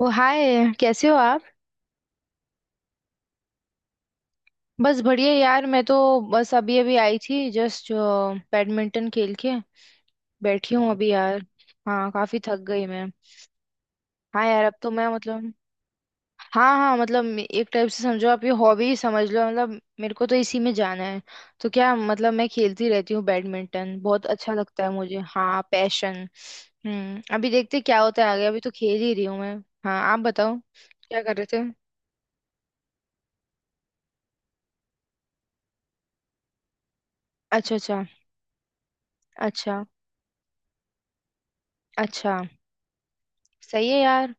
ओ hi. कैसे हो आप। बस बढ़िया यार, मैं तो बस अभी अभी आई थी जस्ट बैडमिंटन खेल के बैठी हूँ अभी यार। हाँ, काफी थक गई मैं। हाँ यार, अब तो मैं मतलब। हाँ हाँ, मतलब एक टाइप से समझो आप, ये हॉबी समझ लो, मतलब मेरे को तो इसी में जाना है। तो क्या मतलब, मैं खेलती रहती हूँ बैडमिंटन, बहुत अच्छा लगता है मुझे, हाँ, पैशन। हम्म। अभी देखते क्या होता है आगे, अभी तो खेल ही रही हूँ मैं। हाँ, आप बताओ। क्या कर रहे थे। अच्छा अच्छा। अच्छा अच्छा। सही है यार।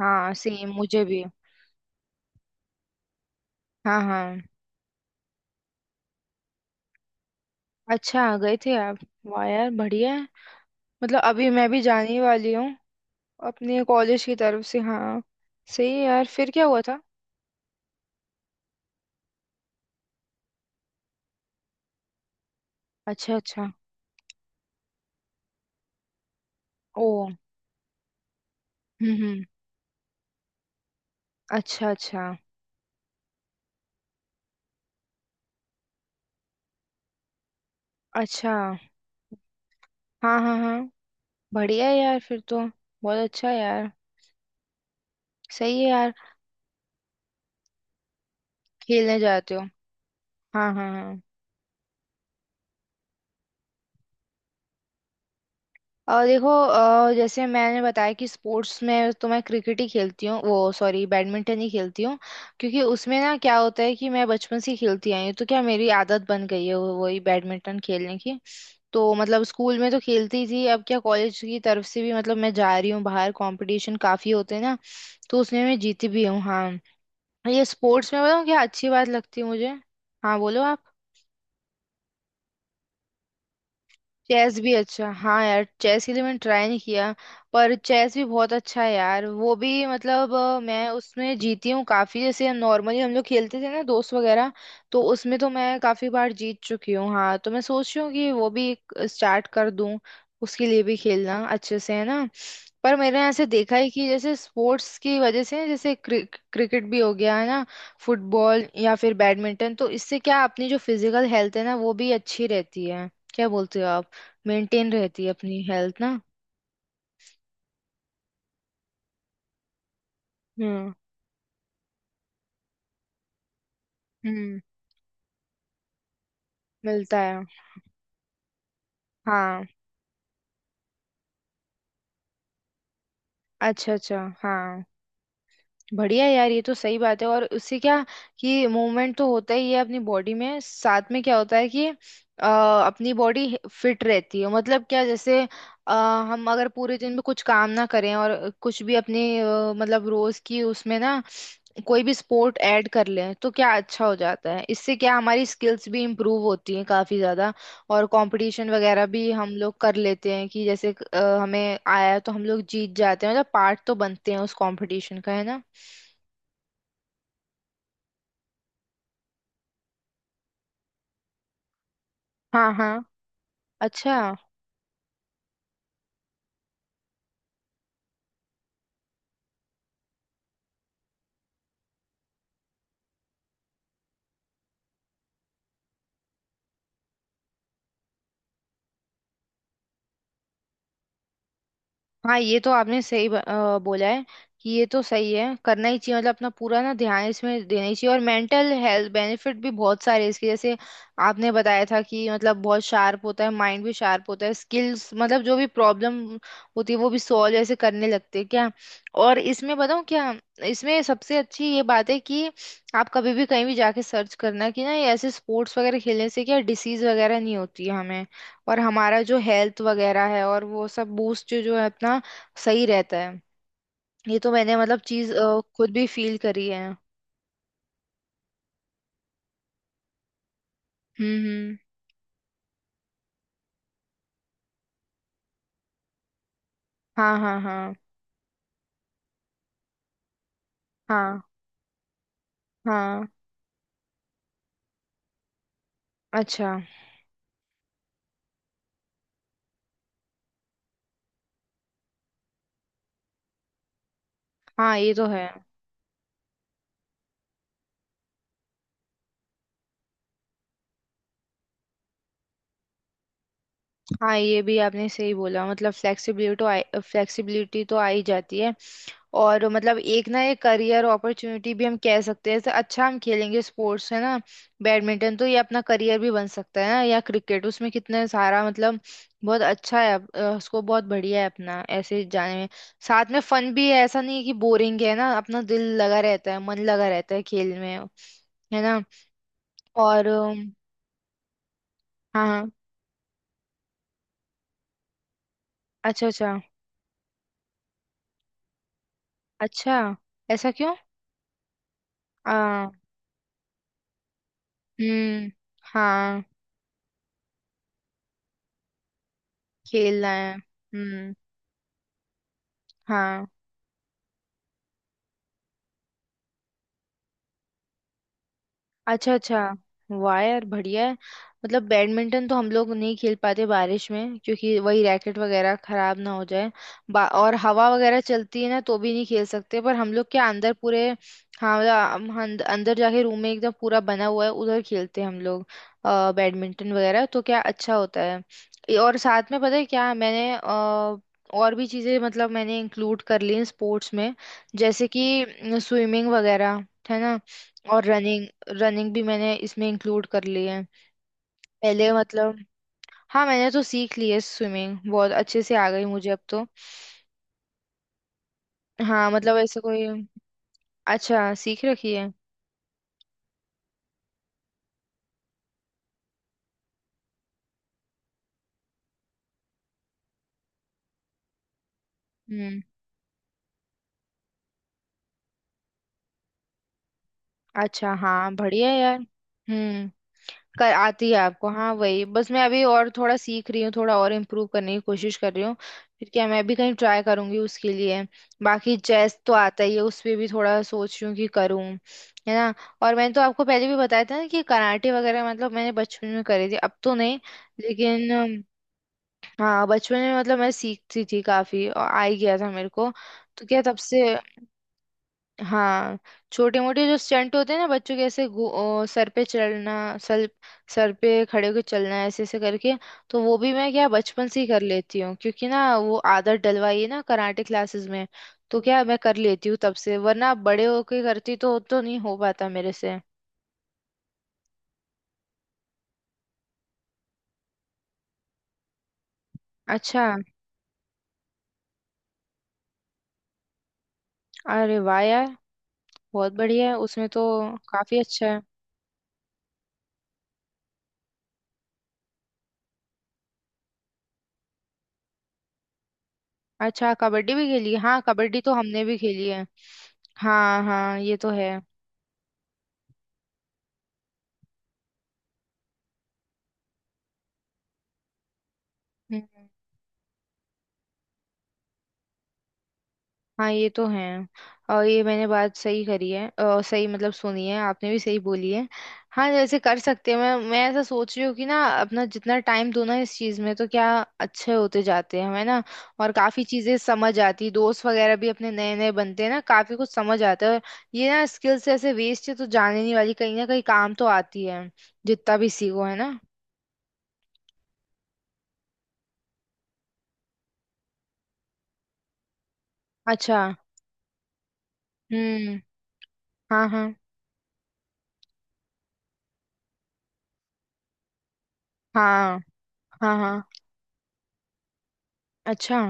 हाँ, सेम मुझे भी। हाँ हाँ। अच्छा, गए थे आप। वाह यार, बढ़िया है। मतलब अभी मैं भी जाने ही वाली हूँ अपने कॉलेज की तरफ से, हाँ। सही है यार, फिर क्या हुआ था। अच्छा अच्छा। ओ। हम्म। अच्छा अच्छा। अच्छा। हाँ हाँ हाँ। बढ़िया है यार, फिर तो बहुत अच्छा है यार। सही है यार। खेलने जाते हो? हाँ हाँ हाँ। और देखो, जैसे मैंने बताया कि स्पोर्ट्स में तो मैं क्रिकेट ही खेलती हूँ, वो सॉरी, बैडमिंटन ही खेलती हूँ। क्योंकि उसमें ना क्या होता है कि मैं बचपन से ही खेलती आई हूँ, तो क्या मेरी आदत बन गई है वही बैडमिंटन खेलने की। तो मतलब स्कूल में तो खेलती ही थी, अब क्या कॉलेज की तरफ से भी मतलब मैं जा रही हूँ बाहर, कंपटीशन काफी होते हैं ना। तो उसमें मैं जीती भी हूँ, हाँ। ये स्पोर्ट्स में बताऊँ क्या अच्छी बात लगती है मुझे। हाँ, बोलो आप। चेस भी अच्छा, हाँ यार, चेस के लिए मैंने ट्राई नहीं किया। पर चेस भी बहुत अच्छा है यार, वो भी मतलब मैं उसमें जीती हूँ काफी, जैसे नॉर्मली हम लोग खेलते थे ना दोस्त वगैरह। तो उसमें तो मैं काफी बार जीत चुकी हूँ, हाँ। तो मैं सोच रही हूँ कि वो भी स्टार्ट कर दूँ। उसके लिए भी खेलना अच्छे से है ना। पर मैंने ऐसे देखा है कि जैसे स्पोर्ट्स की वजह से, जैसे क्रिकेट भी हो गया है ना, फुटबॉल या फिर बैडमिंटन, तो इससे क्या अपनी जो फिजिकल हेल्थ है ना वो भी अच्छी रहती है। क्या बोलते हो आप। मेंटेन रहती है अपनी हेल्थ ना। हम्म हम्म। मिलता है। हाँ। अच्छा अच्छा। हाँ बढ़िया यार, ये तो सही बात है। और उससे क्या, कि मूवमेंट तो होता ही है अपनी बॉडी में, साथ में क्या होता है कि अपनी बॉडी फिट रहती है, मतलब क्या, जैसे अ, हम अगर पूरे दिन में कुछ काम ना करें और कुछ भी अपने मतलब रोज की उसमें ना कोई भी स्पोर्ट ऐड कर लें तो क्या अच्छा हो जाता है। इससे क्या हमारी स्किल्स भी इम्प्रूव होती हैं काफी ज्यादा, और कंपटीशन वगैरह भी हम लोग कर लेते हैं कि जैसे हमें आया तो हम लोग जीत जाते हैं, मतलब पार्ट तो बनते हैं उस कंपटीशन का, है ना। हाँ हाँ। अच्छा। हाँ ये तो आपने सही बोला है। कि ये तो सही है, करना ही चाहिए, मतलब अपना पूरा ना ध्यान इसमें देना ही चाहिए। और मेंटल हेल्थ बेनिफिट भी बहुत सारे हैं इसके, जैसे आपने बताया था कि मतलब बहुत शार्प होता है, माइंड भी शार्प होता है, स्किल्स मतलब जो भी प्रॉब्लम होती है वो भी सॉल्व ऐसे करने लगते हैं क्या। और इसमें बताऊँ क्या, इसमें सबसे अच्छी ये बात है कि आप कभी भी कहीं भी जाके सर्च करना कि ना ये ऐसे स्पोर्ट्स वगैरह खेलने से क्या डिसीज वगैरह नहीं होती है हमें, और हमारा जो हेल्थ वगैरह है और वो सब बूस्ट जो जो है अपना, सही रहता है। ये तो मैंने मतलब चीज खुद भी फील करी है। हम्म। हाँ हाँ हाँ। हाँ हाँ। अच्छा। हाँ, ये तो है। हाँ ये भी आपने सही बोला, मतलब फ्लेक्सिबिलिटी तो आ ही जाती है। और मतलब एक ना एक करियर अपॉर्चुनिटी भी हम कह सकते हैं, जैसे अच्छा हम खेलेंगे स्पोर्ट्स, है ना, बैडमिंटन तो ये अपना करियर भी बन सकता है ना, या क्रिकेट, उसमें कितने सारा मतलब बहुत अच्छा है उसको, बहुत बढ़िया है अपना ऐसे जाने में। साथ में फन भी है, ऐसा नहीं है कि बोरिंग है ना, अपना दिल लगा रहता है, मन लगा रहता है खेल में, है ना। और हाँ। अच्छा अच्छा अच्छा। ऐसा। क्यों। हम्म। हाँ। खेलना है, हम्म। हाँ। अच्छा अच्छा। वाह यार, बढ़िया है। मतलब बैडमिंटन तो हम लोग नहीं खेल पाते बारिश में, क्योंकि वही रैकेट वगैरह खराब ना हो जाए। और हवा वगैरह चलती है ना, तो भी नहीं खेल सकते, पर हम लोग क्या अंदर पूरे, हाँ मतलब हम अंदर जाके रूम में एकदम पूरा बना हुआ है उधर, खेलते हैं हम लोग। बैडमिंटन वगैरह तो क्या अच्छा होता है ये। और साथ में पता है क्या मैंने और भी चीज़ें मतलब मैंने इंक्लूड कर ली स्पोर्ट्स में, जैसे कि स्विमिंग वगैरह, है ना। और रनिंग, रनिंग भी मैंने इसमें इंक्लूड कर ली है। पहले मतलब, हाँ मैंने तो सीख ली है स्विमिंग, बहुत अच्छे से आ गई मुझे अब तो। हाँ मतलब ऐसे कोई, अच्छा सीख रखी है। हम्म। अच्छा, हाँ, बढ़िया है यार। हम्म। कर आती है आपको, हाँ, वही बस मैं अभी और थोड़ा सीख रही हूँ, थोड़ा और इम्प्रूव करने की कोशिश कर रही हूँ। फिर क्या मैं भी कहीं ट्राई करूंगी उसके लिए। बाकी चेस तो आता ही है, उस पे भी थोड़ा सोच रही हूँ कि करूँ, है ना। और मैंने तो आपको पहले भी बताया था ना कि कराटे वगैरह मतलब मैंने बचपन में करी थी, अब तो नहीं। लेकिन हाँ, बचपन में मतलब मैं सीखती थी काफी, और आ ही गया था मेरे को। तो क्या तब से, हाँ, छोटे मोटे जो स्टंट होते हैं ना बच्चों के, ऐसे ओ, सर पे चलना, सर, सर पे खड़े होकर चलना, ऐसे ऐसे करके, तो वो भी मैं क्या बचपन से ही कर लेती हूँ, क्योंकि ना वो आदत डलवाई है ना कराटे क्लासेस में, तो क्या मैं कर लेती हूँ तब से, वरना बड़े होके करती तो नहीं हो पाता मेरे से। अच्छा। अरे वाह यार, बहुत बढ़िया है उसमें तो। काफी अच्छा है। अच्छा, कबड्डी भी खेली है? हाँ, कबड्डी तो हमने भी खेली है। हाँ हाँ, ये तो है। हम्म। हाँ, ये तो है। और ये मैंने बात सही करी है, सही मतलब सुनी है, आपने भी सही बोली है। हाँ, जैसे कर सकते हैं, मैं ऐसा सोच रही हूँ कि ना अपना जितना टाइम दो ना इस चीज़ में, तो क्या अच्छे होते जाते हैं हमें ना। और काफ़ी चीज़ें समझ आती, दोस्त वगैरह भी अपने नए नए बनते हैं ना, काफ़ी कुछ समझ आता है। और ये ना स्किल्स ऐसे वेस्ट है तो जाने नहीं वाली, कहीं ना कहीं काम तो आती है जितना भी सीखो, है ना। अच्छा। हम्म। हाँ हाँ हाँ। हाँ हाँ। अच्छा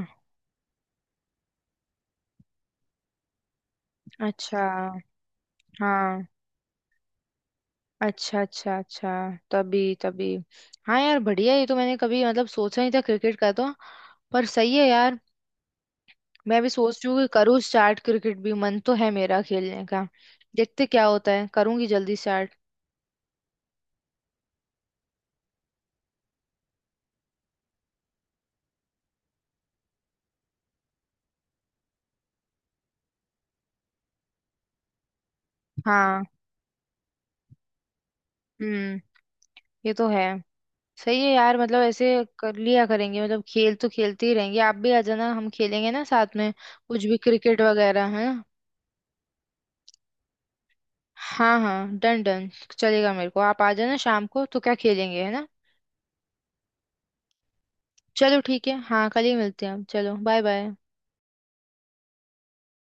अच्छा। हाँ। अच्छा अच्छा अच्छा। तभी तभी। हाँ यार बढ़िया, ये तो मैंने कभी मतलब सोचा नहीं था क्रिकेट का तो। पर सही है यार, मैं भी सोच रही हूँ कि करूँ स्टार्ट, क्रिकेट भी मन तो है मेरा खेलने का। देखते क्या होता है, करूँगी जल्दी स्टार्ट। हाँ। हम्म, ये तो है। सही है यार, मतलब ऐसे कर लिया करेंगे, मतलब खेल तो खेलते ही रहेंगे, आप भी आ जाना, हम खेलेंगे ना साथ में कुछ भी, क्रिकेट वगैरह, है ना। हाँ हाँ, डन डन। चलेगा मेरे को, आप आ जाना शाम को तो क्या खेलेंगे, है ना। चलो ठीक है, हाँ, कल ही मिलते हैं हम, चलो बाय बाय।